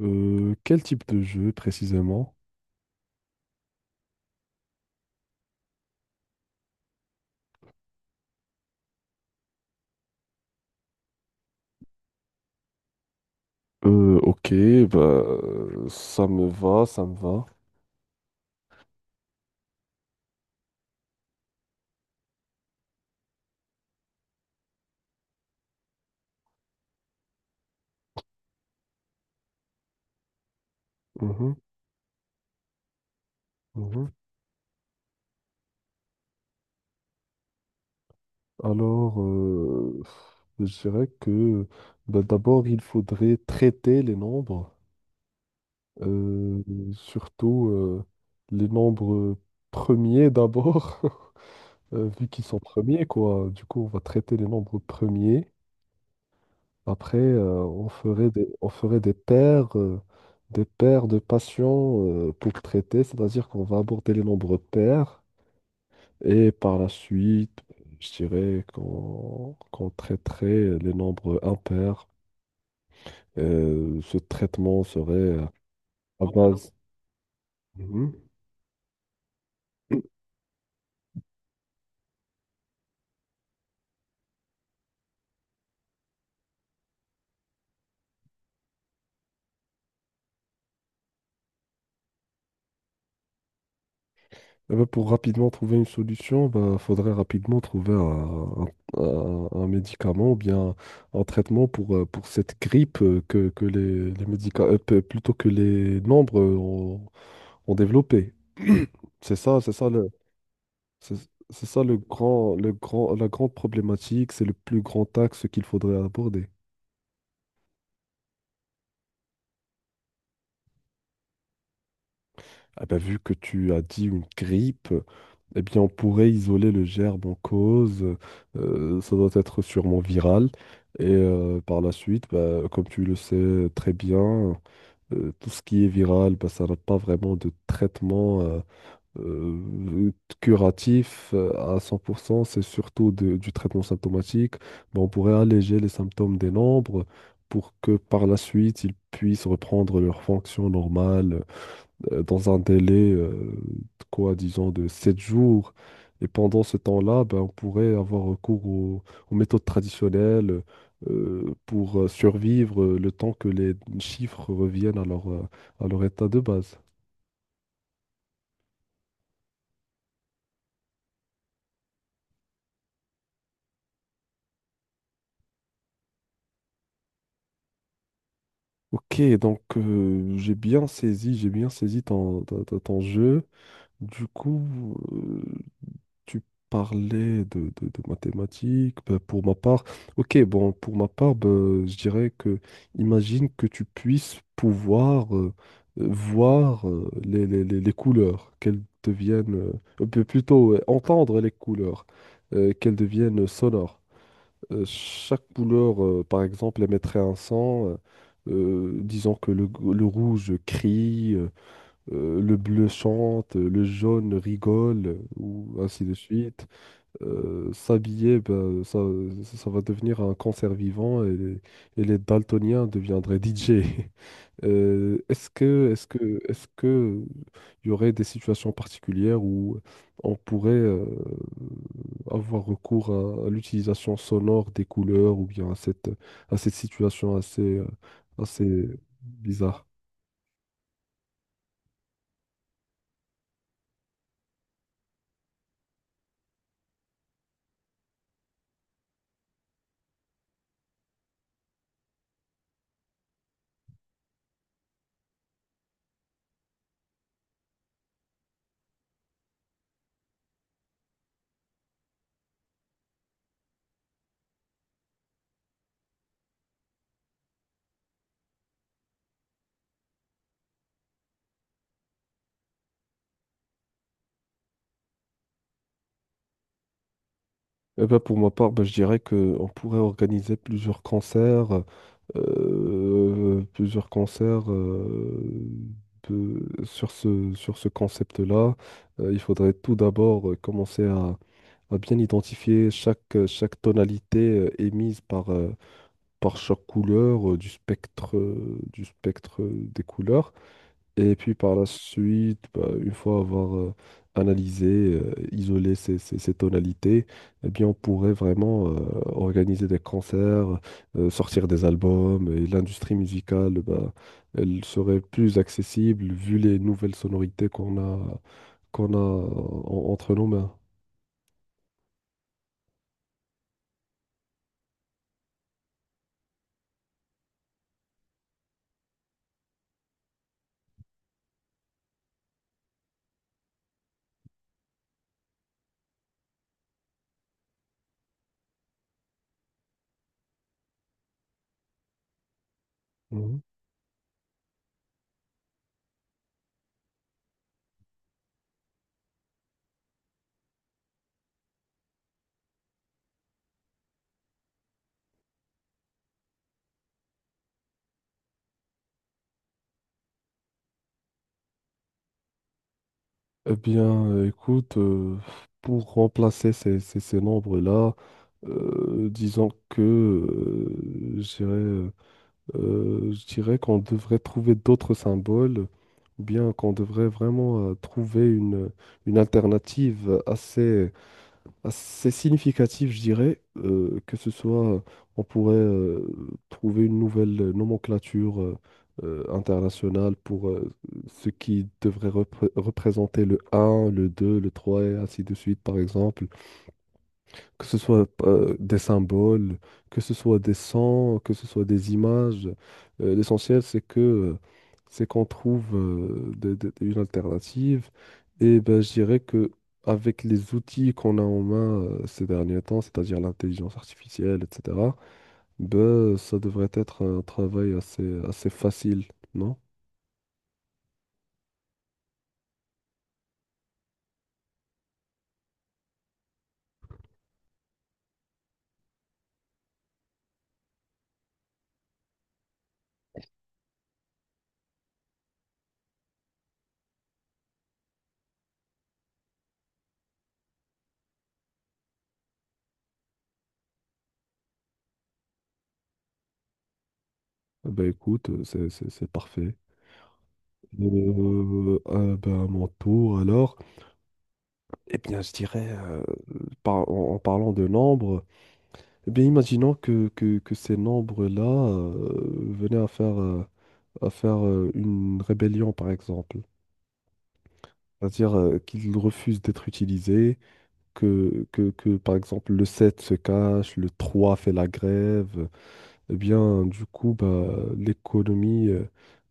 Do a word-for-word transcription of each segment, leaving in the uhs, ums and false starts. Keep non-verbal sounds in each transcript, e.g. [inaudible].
Euh, quel type de jeu précisément? Euh, ok, bah, euh, ça me va, ça me va. Mhm, mhm. Alors, euh, je dirais que bah, d'abord, il faudrait traiter les nombres, euh, surtout euh, les nombres premiers d'abord, [laughs] euh, vu qu'ils sont premiers, quoi. Du coup, on va traiter les nombres premiers. Après, euh, on ferait des, on ferait des paires, euh, des paires de patients euh, pour traiter, c'est-à-dire qu'on va aborder les nombres pairs et par la suite, je dirais qu'on qu'on traiterait les nombres impairs. Euh, ce traitement serait à base. Mhm. Eh ben, pour rapidement trouver une solution, il faudrait rapidement trouver un, un- un- un médicament ou bien un traitement pour, euh, pour cette grippe euh, que, que les, les médica- euh, p- plutôt que les membres euh, ont, ont développé. C'est ça, c'est ça le, c'est c'est ça le grand, le grand, la grande problématique, c'est le plus grand axe qu'il faudrait aborder. Ah ben, vu que tu as dit une grippe, eh bien, on pourrait isoler le gerbe en cause. Euh, ça doit être sûrement viral. Et euh, par la suite, bah, comme tu le sais très bien, euh, tout ce qui est viral, bah, ça n'a pas vraiment de traitement euh, euh, curatif euh, à cent pour cent. C'est surtout de- du traitement symptomatique. Bah, on pourrait alléger les symptômes des nombres pour que par la suite, ils puissent reprendre leur fonction normale euh, dans un délai, euh, de quoi, disons, de sept jours. Et pendant ce temps-là, ben, on pourrait avoir recours aux, aux méthodes traditionnelles euh, pour euh, survivre euh, le temps que les chiffres reviennent à leur, euh, à leur état de base. Ok, donc euh, j'ai bien saisi, j'ai bien saisi ton, ton- ton- ton jeu. Du coup, euh, tu parlais de, de- de mathématiques. Ben, pour ma part, ok, bon, pour ma part, ben, je dirais que, imagine que tu puisses pouvoir euh, euh, voir euh, les, les- les- les couleurs, qu'elles deviennent, euh, ou bien plutôt euh, entendre les couleurs, euh, qu'elles deviennent sonores. Euh, chaque couleur, euh, par exemple, émettrait un son. Euh, euh, disons que le, g- le rouge crie, euh, euh, le bleu chante, euh, le jaune rigole, euh, ou ainsi de suite euh, s'habiller, ben, ça, ça va devenir un cancer vivant et les, et les daltoniens deviendraient D J. [laughs] Euh, est-ce que, est-ce que, est-ce que il y aurait des situations particulières où on pourrait euh, avoir recours à, à l'utilisation sonore des couleurs ou bien à cette, à cette situation assez, euh, assez bizarre? Eh ben, pour ma part, ben, je dirais qu'on pourrait organiser plusieurs concerts, euh, plusieurs concerts euh, de- sur ce, sur ce concept-là. Euh, il faudrait tout d'abord euh, commencer à, à bien identifier chaque, euh, chaque tonalité euh, émise par, euh, par chaque couleur euh, du spectre, euh, du spectre euh, des couleurs. Et puis par la suite, bah, une fois avoir euh, analysé, euh, isolé ces, ces- ces tonalités, eh bien, on pourrait vraiment euh, organiser des concerts, euh, sortir des albums, et l'industrie musicale, bah, elle serait plus accessible vu les nouvelles sonorités qu'on a, qu'on a euh, en- entre nos mains. Mhm. Eh bien, euh, écoute, euh, pour remplacer ces, ces, ces nombres-là, euh, disons que, euh, je dirais euh, Euh, je dirais qu'on devrait trouver d'autres symboles, ou bien qu'on devrait vraiment euh, trouver une, une alternative assez, assez significative, je dirais, euh, que ce soit, on pourrait euh, trouver une nouvelle nomenclature euh, euh, internationale pour euh, ce qui devrait repré- représenter le un, le deux, le trois et ainsi de suite, par exemple que ce soit euh, des symboles, que ce soit des sons, que ce soit des images. Euh, l'essentiel, c'est que euh, c'est qu'on trouve euh, des- des- une alternative. Et ben, je dirais que avec les outils qu'on a en main euh, ces derniers temps, c'est-à-dire l'intelligence artificielle, et cetera, ben, ça devrait être un travail assez, assez facile, non? Ben écoute, euh, c'est c'est- c'est parfait. Euh, ah, ben, à mon tour, alors. Eh bien, je dirais, euh, par- en, en parlant de nombres, eh bien, imaginons que, que- que ces nombres-là euh, venaient à faire, euh, à faire euh, une rébellion, par exemple. C'est-à-dire euh, qu'ils refusent d'être utilisés, que, que, que, par exemple, le sept se cache, le trois fait la grève. Eh bien, du coup, bah, l'économie euh,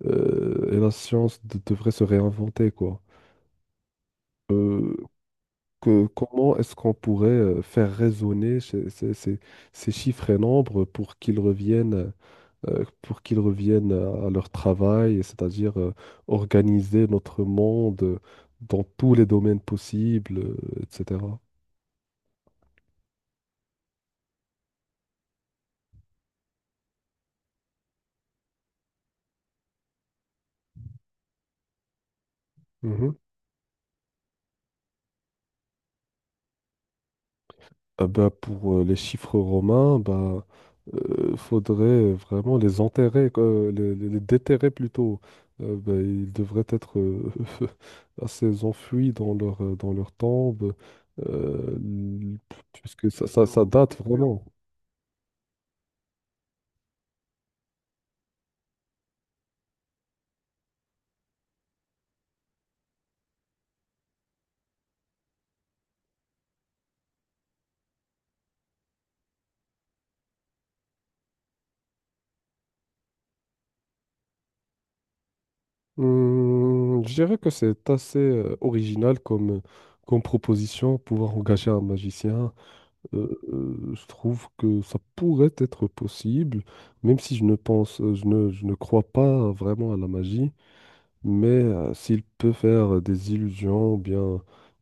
euh, et la science de- devraient se réinventer, quoi. Euh, que Comment est-ce qu'on pourrait euh, faire résonner ces, ces- ces- ces chiffres et nombres pour qu'ils reviennent, euh, pour qu'ils reviennent à leur travail, et c'est-à-dire euh, organiser notre monde dans tous les domaines possibles, euh, et cetera. Ah bah, pour euh, les chiffres romains, bah, euh, faudrait vraiment les enterrer, quoi, les, les- les déterrer plutôt. Euh, bah, ils devraient être euh, [laughs] assez enfuis dans leur, euh, dans leur tombe, euh, l- puisque ça, ça, ça date vraiment. Hum, je dirais que c'est assez euh, original comme, comme proposition, pouvoir engager un magicien. Euh, euh, je trouve que ça pourrait être possible, même si je ne pense, euh, je ne, je ne crois pas vraiment à la magie, mais euh, s'il peut faire des illusions, ou bien,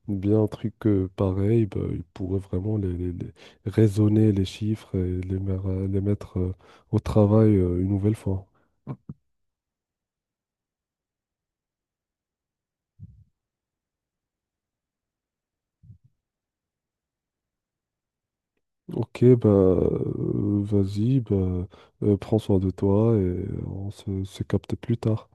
ou bien un truc euh, pareil, bah, il pourrait vraiment les, les- les- raisonner les chiffres et les, mer- euh, les mettre euh, au travail euh, une nouvelle fois. Ok, bah, euh, vas-y, bah, euh, prends soin de toi et on se se capte plus tard.